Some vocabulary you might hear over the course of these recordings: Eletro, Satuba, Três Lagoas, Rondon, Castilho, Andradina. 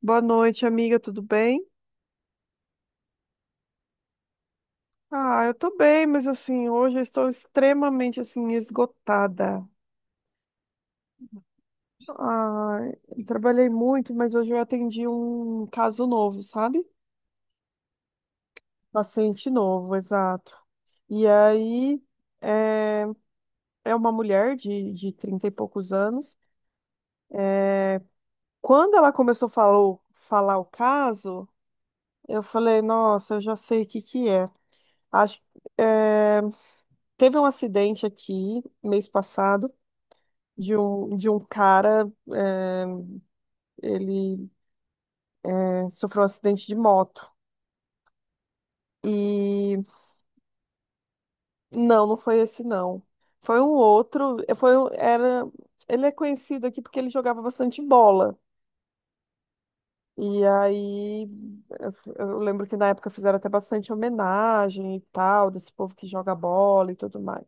Boa noite, amiga, tudo bem? Ah, eu tô bem, mas assim, hoje eu estou extremamente assim esgotada. Ah, eu trabalhei muito, mas hoje eu atendi um caso novo, sabe? Paciente novo, exato. E aí é, é uma mulher de 30 e poucos anos. Quando ela começou a falar o caso, eu falei, nossa, eu já sei o que que é. Acho, é, teve um acidente aqui mês passado, de um cara, ele, sofreu um acidente de moto. E não, não foi esse não. Foi um outro, ele é conhecido aqui porque ele jogava bastante bola. E aí eu eu lembro que na época fizeram até bastante homenagem e tal, desse povo que joga bola e tudo mais.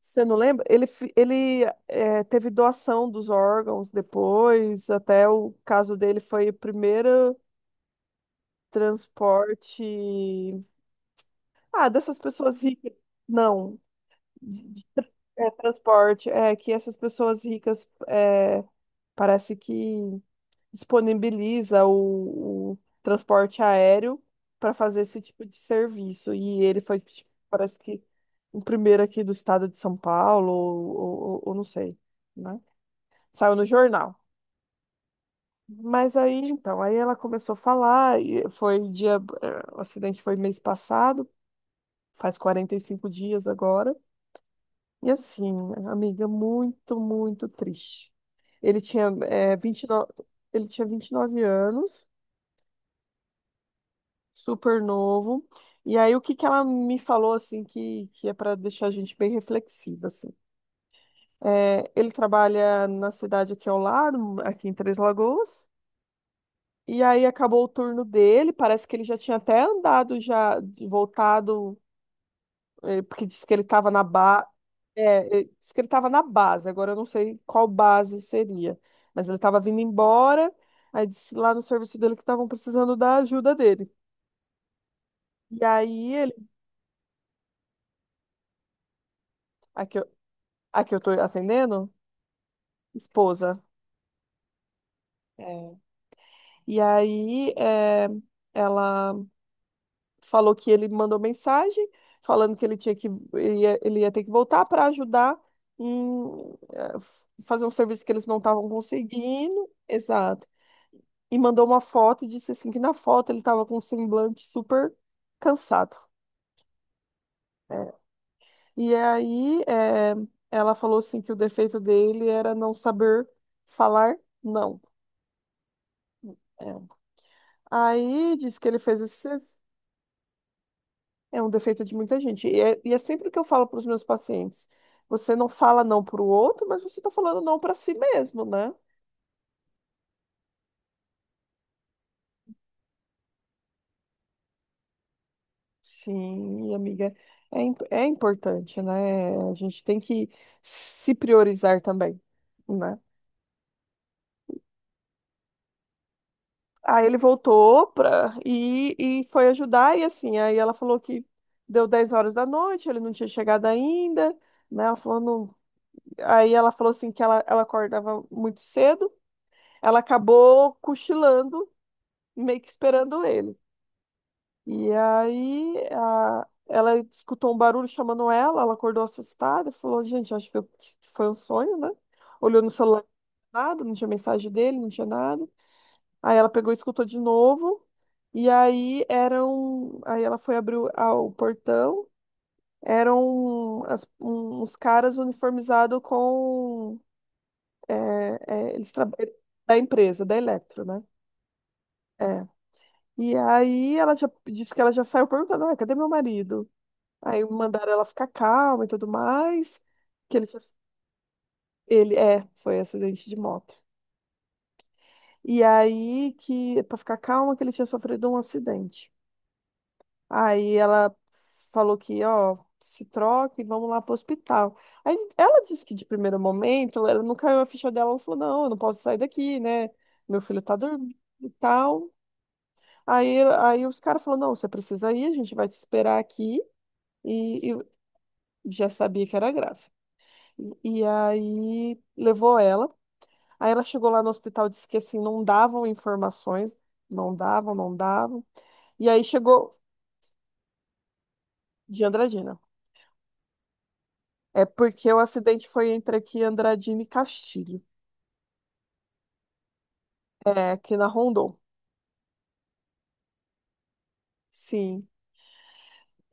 Você não lembra? Ele teve doação dos órgãos depois, até o caso dele foi a primeira transporte. Ah, dessas pessoas ricas. Não. de- de- é transporte. É que essas pessoas ricas, parece que disponibiliza o transporte aéreo para fazer esse tipo de serviço. E ele foi, tipo, parece que o primeiro aqui do estado de São Paulo, ou não sei, né? Saiu no jornal. Mas aí, então, aí ela começou a falar, o acidente foi mês passado. Faz 45 dias agora. E assim, amiga, muito, muito triste. Ele tinha, é, 29, ele tinha 29 anos, super novo. E aí, o que que ela me falou, assim, que é para deixar a gente bem reflexiva, assim. É, ele trabalha na cidade aqui ao lado, aqui em Três Lagoas. E aí, acabou o turno dele. Parece que ele já tinha até andado, já voltado. É, porque disse que ele estava na ba... disse que ele estava na base, agora eu não sei qual base seria. Mas ele estava vindo embora, aí disse lá no serviço dele que estavam precisando da ajuda dele. E aí ele... Aqui eu, aqui eu tô atendendo? Esposa. É. E aí, ela falou que ele mandou mensagem falando que ele ia ter que voltar para ajudar fazer um serviço que eles não estavam conseguindo. Exato. E mandou uma foto e disse assim que na foto ele estava com um semblante super cansado. É. E aí, ela falou assim que o defeito dele era não saber falar não. É. Aí disse que ele fez esse... É um defeito de muita gente. E é sempre o que eu falo para os meus pacientes. Você não fala não para o outro, mas você está falando não para si mesmo, né? Sim, amiga. É, é importante, né? A gente tem que se priorizar também, né? Aí ele voltou e foi ajudar, e assim, aí ela falou que deu 10 horas da noite, ele não tinha chegado ainda, né? Ela falou, não... Aí ela falou assim que ela acordava muito cedo, ela acabou cochilando, meio que esperando ele. E aí ela escutou um barulho chamando ela. Ela acordou assustada e falou, gente, acho que, que foi um sonho, né? Olhou no celular, nada, não tinha mensagem dele, não tinha nada. Aí ela pegou e escutou de novo. E aí eram... Aí ela foi abrir o portão. Eram uns caras uniformizados com... é, eles trabalham da empresa, da Eletro, né? É. E aí ela já disse que ela já saiu perguntando, ah, cadê meu marido? Aí mandaram ela ficar calma e tudo mais. Que ele, foi acidente de moto. E aí que para ficar calma, que ele tinha sofrido um acidente. Aí ela falou que, ó, se troca e vamos lá pro hospital. Aí ela disse que de primeiro momento, ela não caiu a ficha dela, ela falou, não, eu não posso sair daqui, né? Meu filho tá dormindo e tal. Aí os caras falaram, não, você precisa ir, a gente vai te esperar aqui. E já sabia que era grave. E aí levou ela. Aí ela chegou lá no hospital, disse que assim, não davam informações, não davam, não davam. E aí chegou de Andradina. É porque o acidente foi entre aqui Andradina e Castilho, aqui na Rondon. Sim.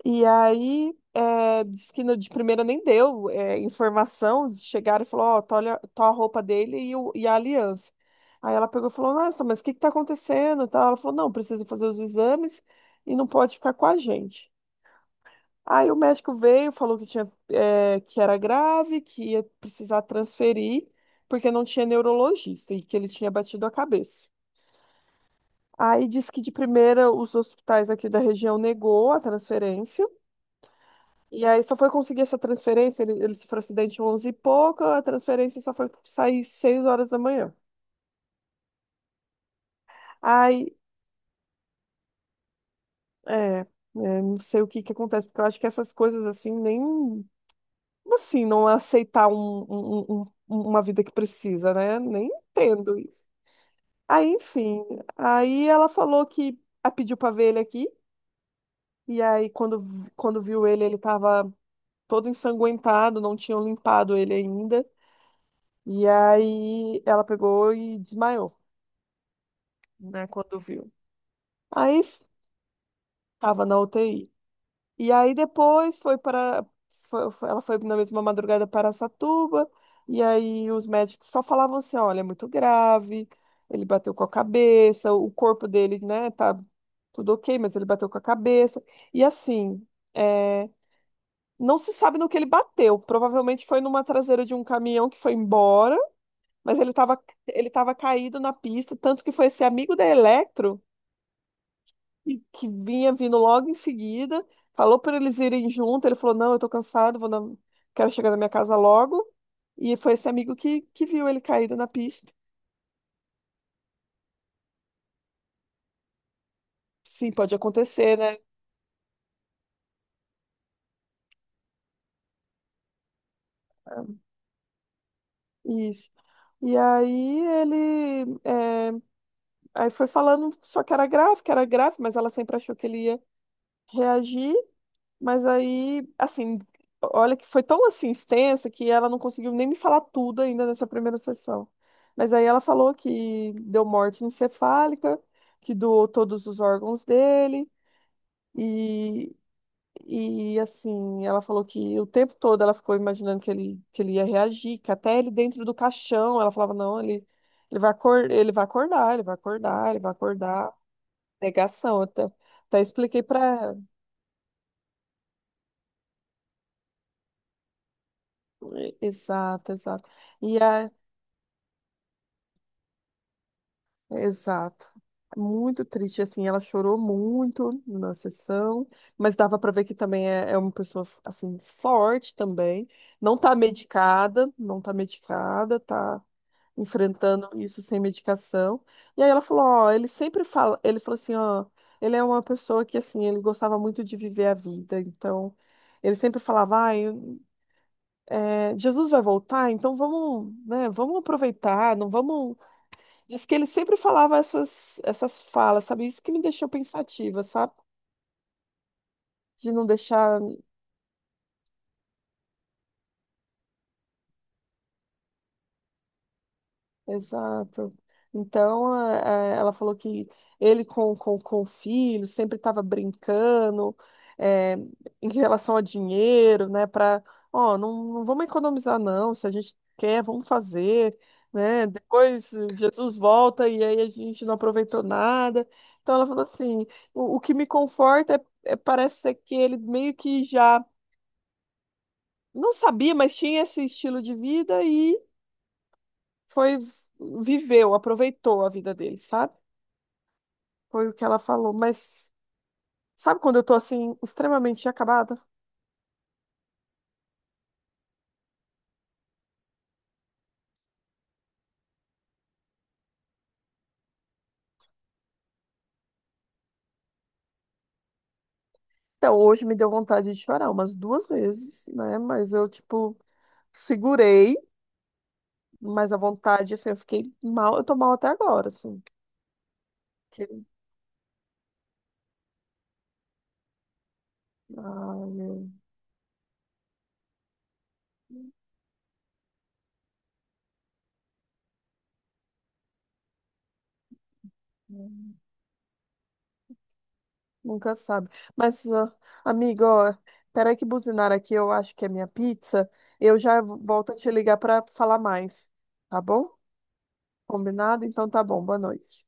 E aí, diz que de primeira nem deu, informação. Chegaram e falou, ó, tá, olha, tá a roupa dele e a aliança. Aí ela pegou e falou, nossa, mas o que que tá acontecendo? E tal. Ela falou, não, precisa fazer os exames e não pode ficar com a gente. Aí o médico veio, falou que era grave, que ia precisar transferir, porque não tinha neurologista e que ele tinha batido a cabeça. Aí disse que de primeira os hospitais aqui da região negou a transferência. E aí só foi conseguir essa transferência, ele sofreu acidente 11 e pouco, a transferência só foi sair 6 horas da manhã. Aí, é, é, não sei o que que acontece, porque eu acho que essas coisas assim, nem, assim, não é aceitar um- um- uma vida que precisa, né? Nem entendo isso. Aí, enfim, aí ela falou que a pediu pra ver ele aqui, e aí quando viu ele, ele tava todo ensanguentado, não tinham limpado ele ainda. E aí ela pegou e desmaiou, né, quando viu. Aí f- Tava na UTI. E aí depois foi para foi- foi- ela foi na mesma madrugada para Satuba, e aí os médicos só falavam assim, olha, é muito grave, ele bateu com a cabeça, o corpo dele, né, tá tudo ok, mas ele bateu com a cabeça. E assim, é, não se sabe no que ele bateu. Provavelmente foi numa traseira de um caminhão que foi embora. Mas ele tava caído na pista, tanto que foi esse amigo da Electro que vinha vindo logo em seguida. Falou para eles irem junto, ele falou, não, eu tô cansado, quero chegar na minha casa logo. E foi esse amigo que viu ele caído na pista. Sim, pode acontecer, né? Isso. E aí aí foi falando só que era grave, mas ela sempre achou que ele ia reagir. Mas aí, assim, olha que foi tão assim extensa que ela não conseguiu nem me falar tudo ainda nessa primeira sessão. Mas aí ela falou que deu morte encefálica, que doou todos os órgãos dele e e assim, ela falou que o tempo todo ela ficou imaginando que ele ia reagir, que até ele dentro do caixão, ela falava não, ele vai acordar, ele vai acordar, ele vai acordar. Negação, até expliquei para ela. Exato, exato. E a, Exato. Muito triste, assim, ela chorou muito na sessão, mas dava para ver que também é uma pessoa, assim, forte também, não tá medicada, não tá medicada, tá enfrentando isso sem medicação. E aí ela falou, ó, ele sempre fala, ele falou assim, ó, ele é uma pessoa que, assim, ele gostava muito de viver a vida, então, ele sempre falava, ai, Jesus vai voltar, então vamos, né, vamos aproveitar, não vamos... Diz que ele sempre falava essas falas, sabe? Isso que me deixou pensativa, sabe? De não deixar. Exato. Então, ela falou que ele com o filho sempre estava brincando, eh, em relação a dinheiro, né? Para, ó, não, não vamos economizar, não. Se a gente quer, vamos fazer, né? Depois, Jesus volta e aí a gente não aproveitou nada. Então, ela falou assim: o que me conforta é, parece ser que ele meio que já... Não sabia, mas tinha esse estilo de vida e foi, viveu, aproveitou a vida dele, sabe? Foi o que ela falou. Mas sabe quando eu tô assim, extremamente acabada? Então, hoje me deu vontade de chorar umas duas vezes, né? Mas eu, tipo, segurei, mas a vontade, assim, eu fiquei mal, eu tô mal até agora, assim. Que- Ai, meu Deus. Nunca sabe. Mas, ó, amiga, ó, peraí que buzinaram aqui, eu acho que é minha pizza. Eu já volto a te ligar para falar mais, tá bom? Combinado? Então tá bom, boa noite.